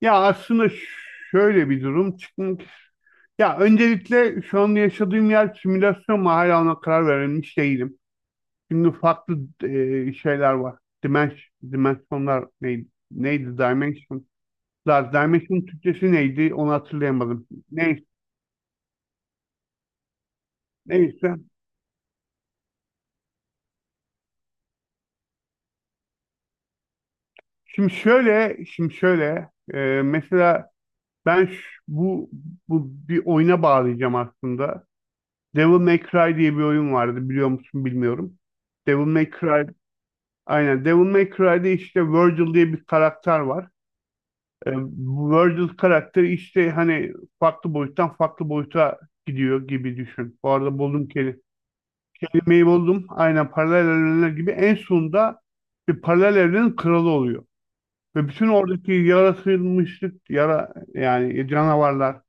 Ya aslında şöyle bir durum çıkmak. Ya öncelikle şu an yaşadığım yer simülasyon mu, hala ona karar verilmiş değilim. Şimdi farklı şeyler var. Dimensionlar neydi? Neydi? Dimension. Last Dimension Türkçesi neydi? Onu hatırlayamadım. Neyse. Neyse. Şimdi şöyle, Mesela ben ş- bu bu bir oyuna bağlayacağım aslında. Devil May Cry diye bir oyun vardı, biliyor musun bilmiyorum. Devil May Cry Aynen. Devil May Cry'de işte Virgil diye bir karakter var. Bu Virgil karakteri işte hani farklı boyuttan farklı boyuta gidiyor gibi düşün. Bu arada buldum kelime. Kelimeyi buldum. Aynen paralel evrenler gibi en sonunda bir paralel evrenin kralı oluyor. Ve bütün oradaki yaratılmışlık, yani canavarlar,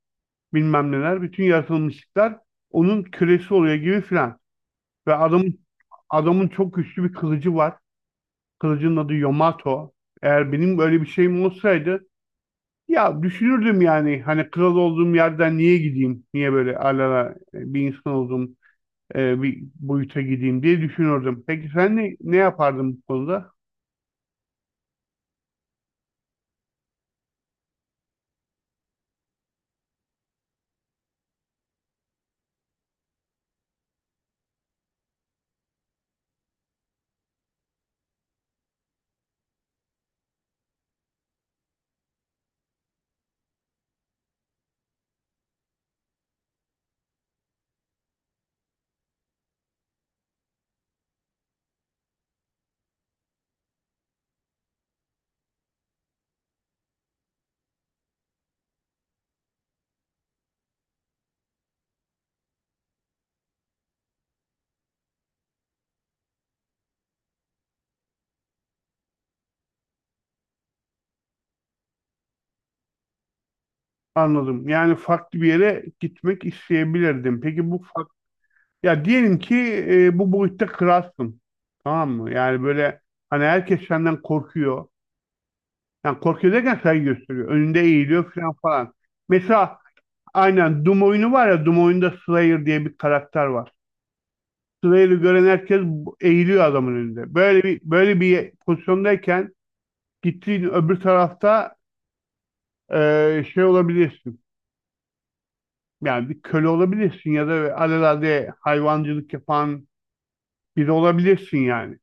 bilmem neler, bütün yaratılmışlıklar onun kölesi oluyor gibi filan. Ve adamın çok güçlü bir kılıcı var. Kılıcın adı Yamato. Eğer benim böyle bir şeyim olsaydı, ya düşünürdüm yani, hani kral olduğum yerden niye gideyim? Niye böyle alala bir insan olduğum bir boyuta gideyim diye düşünürdüm. Peki sen ne yapardın bu konuda? Anladım. Yani farklı bir yere gitmek isteyebilirdim. Peki bu fark, ya diyelim ki bu boyutta kralsın. Tamam mı? Yani böyle hani herkes senden korkuyor. Yani korkuyor derken saygı gösteriyor. Önünde eğiliyor falan falan. Mesela aynen Doom oyunu var ya, Doom oyunda Slayer diye bir karakter var. Slayer'ı gören herkes eğiliyor adamın önünde. Böyle bir pozisyondayken gittiğin öbür tarafta şey olabilirsin. Yani bir köle olabilirsin ya da alelade hayvancılık yapan biri olabilirsin yani.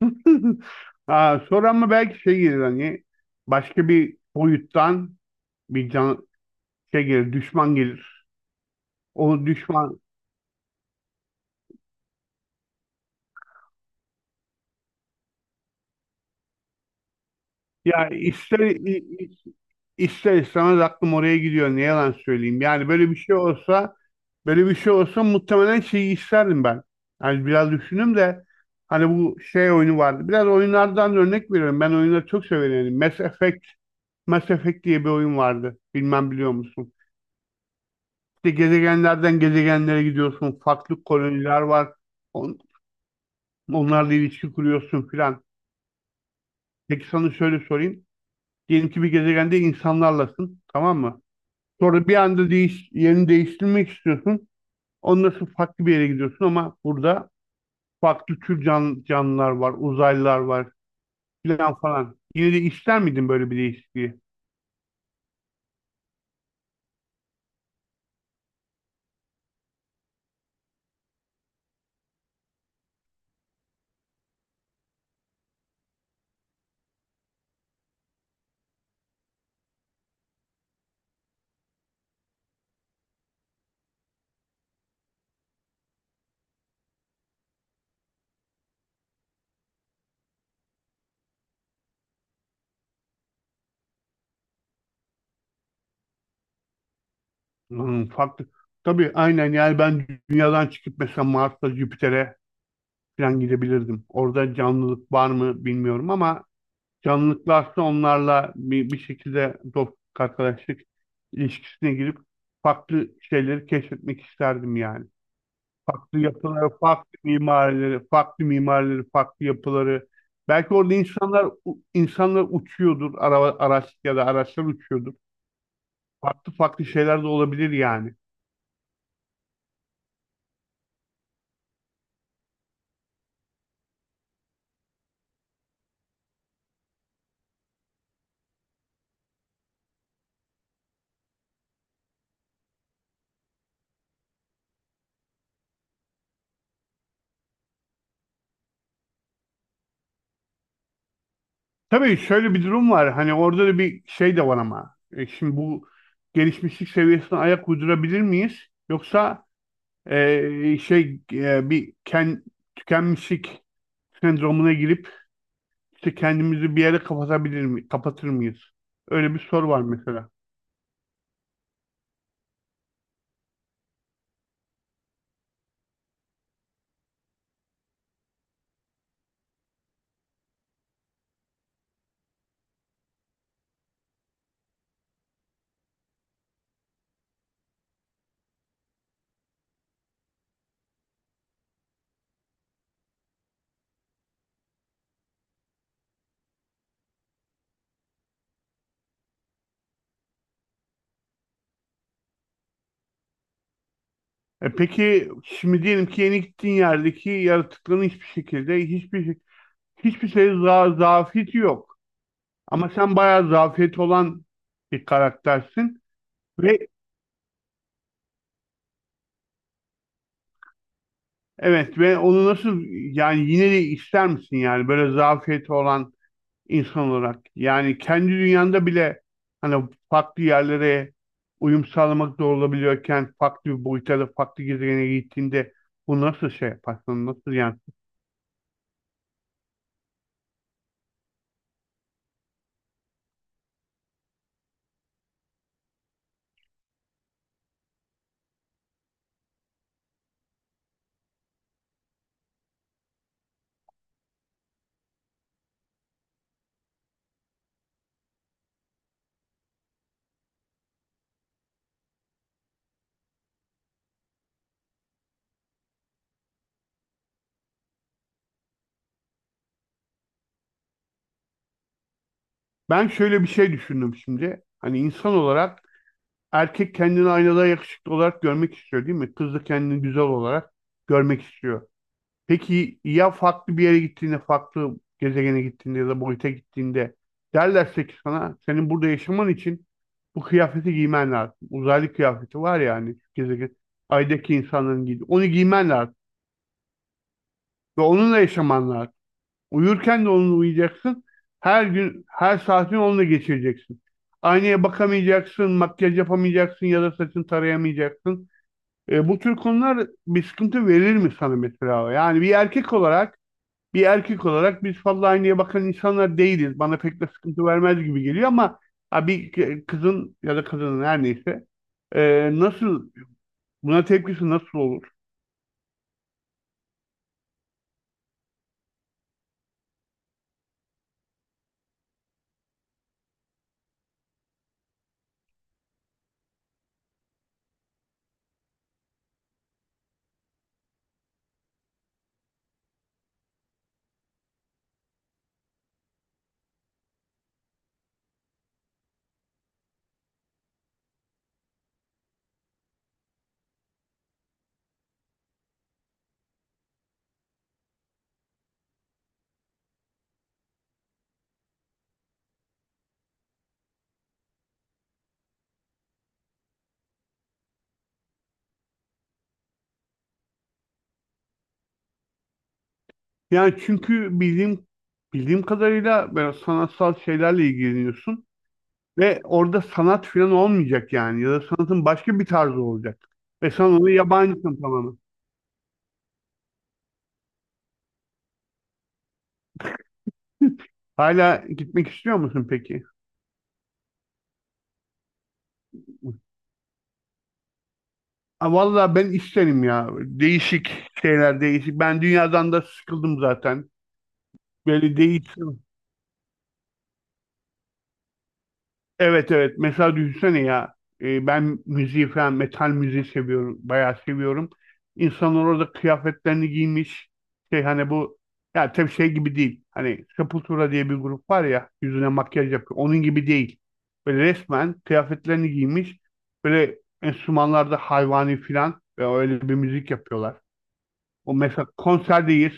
Ha, sonra ama belki şey gelir, hani başka bir boyuttan bir can şey gelir, düşman gelir. O düşman, ya ister istemez aklım oraya gidiyor. Ne yalan söyleyeyim. Yani böyle bir şey olsa, böyle bir şey olsa muhtemelen şeyi isterdim ben. Yani biraz düşündüm de, hani bu şey oyunu vardı. Biraz oyunlardan örnek veriyorum. Ben oyunları çok severim. Yani Mass Effect diye bir oyun vardı. Bilmem biliyor musun? İşte gezegenlerden gezegenlere gidiyorsun. Farklı koloniler var. On, onlarla ilişki kuruyorsun filan. Peki sana şöyle sorayım. Diyelim ki bir gezegende insanlarlasın. Tamam mı? Sonra bir anda yerini değiştirmek istiyorsun. Ondan sonra farklı bir yere gidiyorsun, ama burada farklı tür canlılar var, uzaylılar var filan falan. Yine de ister miydin böyle bir değişikliği? Hmm, farklı. Tabii aynen, yani ben dünyadan çıkıp mesela Mars'a, Jüpiter'e falan gidebilirdim. Orada canlılık var mı bilmiyorum, ama canlılık varsa onlarla bir şekilde dostluk, arkadaşlık ilişkisine girip farklı şeyleri keşfetmek isterdim yani. Farklı yapıları, farklı mimarileri, farklı yapıları. Belki orada insanlar uçuyordur, araç ya da araçlar uçuyordur. Farklı farklı şeyler de olabilir yani. Tabii şöyle bir durum var. Hani orada da bir şey de var ama. E, şimdi bu gelişmişlik seviyesine ayak uydurabilir miyiz? Yoksa e, şey e, bir ken, tükenmişlik sendromuna girip işte kendimizi bir yere kapatır mıyız? Öyle bir soru var mesela. E peki, şimdi diyelim ki yeni gittiğin yerdeki yaratıkların hiçbir şekilde hiçbir şey, zafiyeti yok. Ama sen bayağı zafiyet olan bir karaktersin, ve evet, ve onu nasıl, yani yine de ister misin yani böyle zafiyeti olan insan olarak, yani kendi dünyanda bile hani farklı yerlere uyum sağlamak zor olabiliyorken farklı bir boyuta, da farklı gezegene gittiğinde bu nasıl şey yaparsın, nasıl yani? Ben şöyle bir şey düşündüm şimdi. Hani insan olarak erkek kendini aynada yakışıklı olarak görmek istiyor değil mi? Kız da kendini güzel olarak görmek istiyor. Peki ya farklı bir yere gittiğinde, farklı gezegene gittiğinde ya da boyuta gittiğinde, derlerse ki sana senin burada yaşaman için bu kıyafeti giymen lazım. Uzaylı kıyafeti var ya hani, aydaki insanların giydiği. Onu giymen lazım ve onunla yaşaman lazım. Uyurken de onunla uyuyacaksın. Her gün, her saatini onunla geçireceksin. Aynaya bakamayacaksın, makyaj yapamayacaksın ya da saçını tarayamayacaksın. E, bu tür konular bir sıkıntı verir mi sana mesela? Yani bir erkek olarak, biz fazla aynaya bakan insanlar değiliz. Bana pek de sıkıntı vermez gibi geliyor ama, ha, bir kızın ya da kadının her neyse, e, nasıl buna tepkisi nasıl olur? Yani çünkü bildiğim kadarıyla böyle sanatsal şeylerle ilgileniyorsun. Ve orada sanat falan olmayacak yani. Ya da sanatın başka bir tarzı olacak. Ve sen ona yabancısın tamamen. Hala gitmek istiyor musun peki? Ha, vallahi ben isterim ya. Değişik şeyler, değişik. Ben dünyadan da sıkıldım zaten. Böyle değişsin. Evet, evet. Mesela düşünsene ya, ben müziği falan, metal müziği seviyorum. Bayağı seviyorum. İnsanlar orada kıyafetlerini giymiş. Şey hani bu, ya tabii şey gibi değil. Hani Sepultura diye bir grup var ya, yüzüne makyaj yapıyor. Onun gibi değil. Böyle resmen kıyafetlerini giymiş. Böyle enstrümanlarda hayvani falan, ve öyle bir müzik yapıyorlar. O mesela konserdeyiz.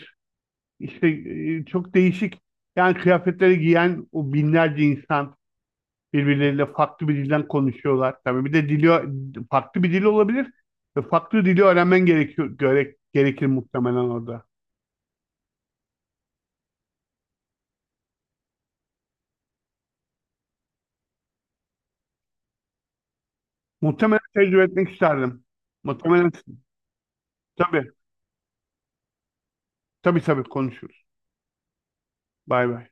İşte çok değişik. Yani kıyafetleri giyen o binlerce insan birbirleriyle farklı bir dilden konuşuyorlar. Tabii bir de dili, farklı bir dil olabilir ve farklı dili öğrenmen gerek, gerekir muhtemelen orada. Muhtemelen tecrübe etmek isterdim. Muhtemelen, tabii, tabii tabii konuşuruz. Bay bay.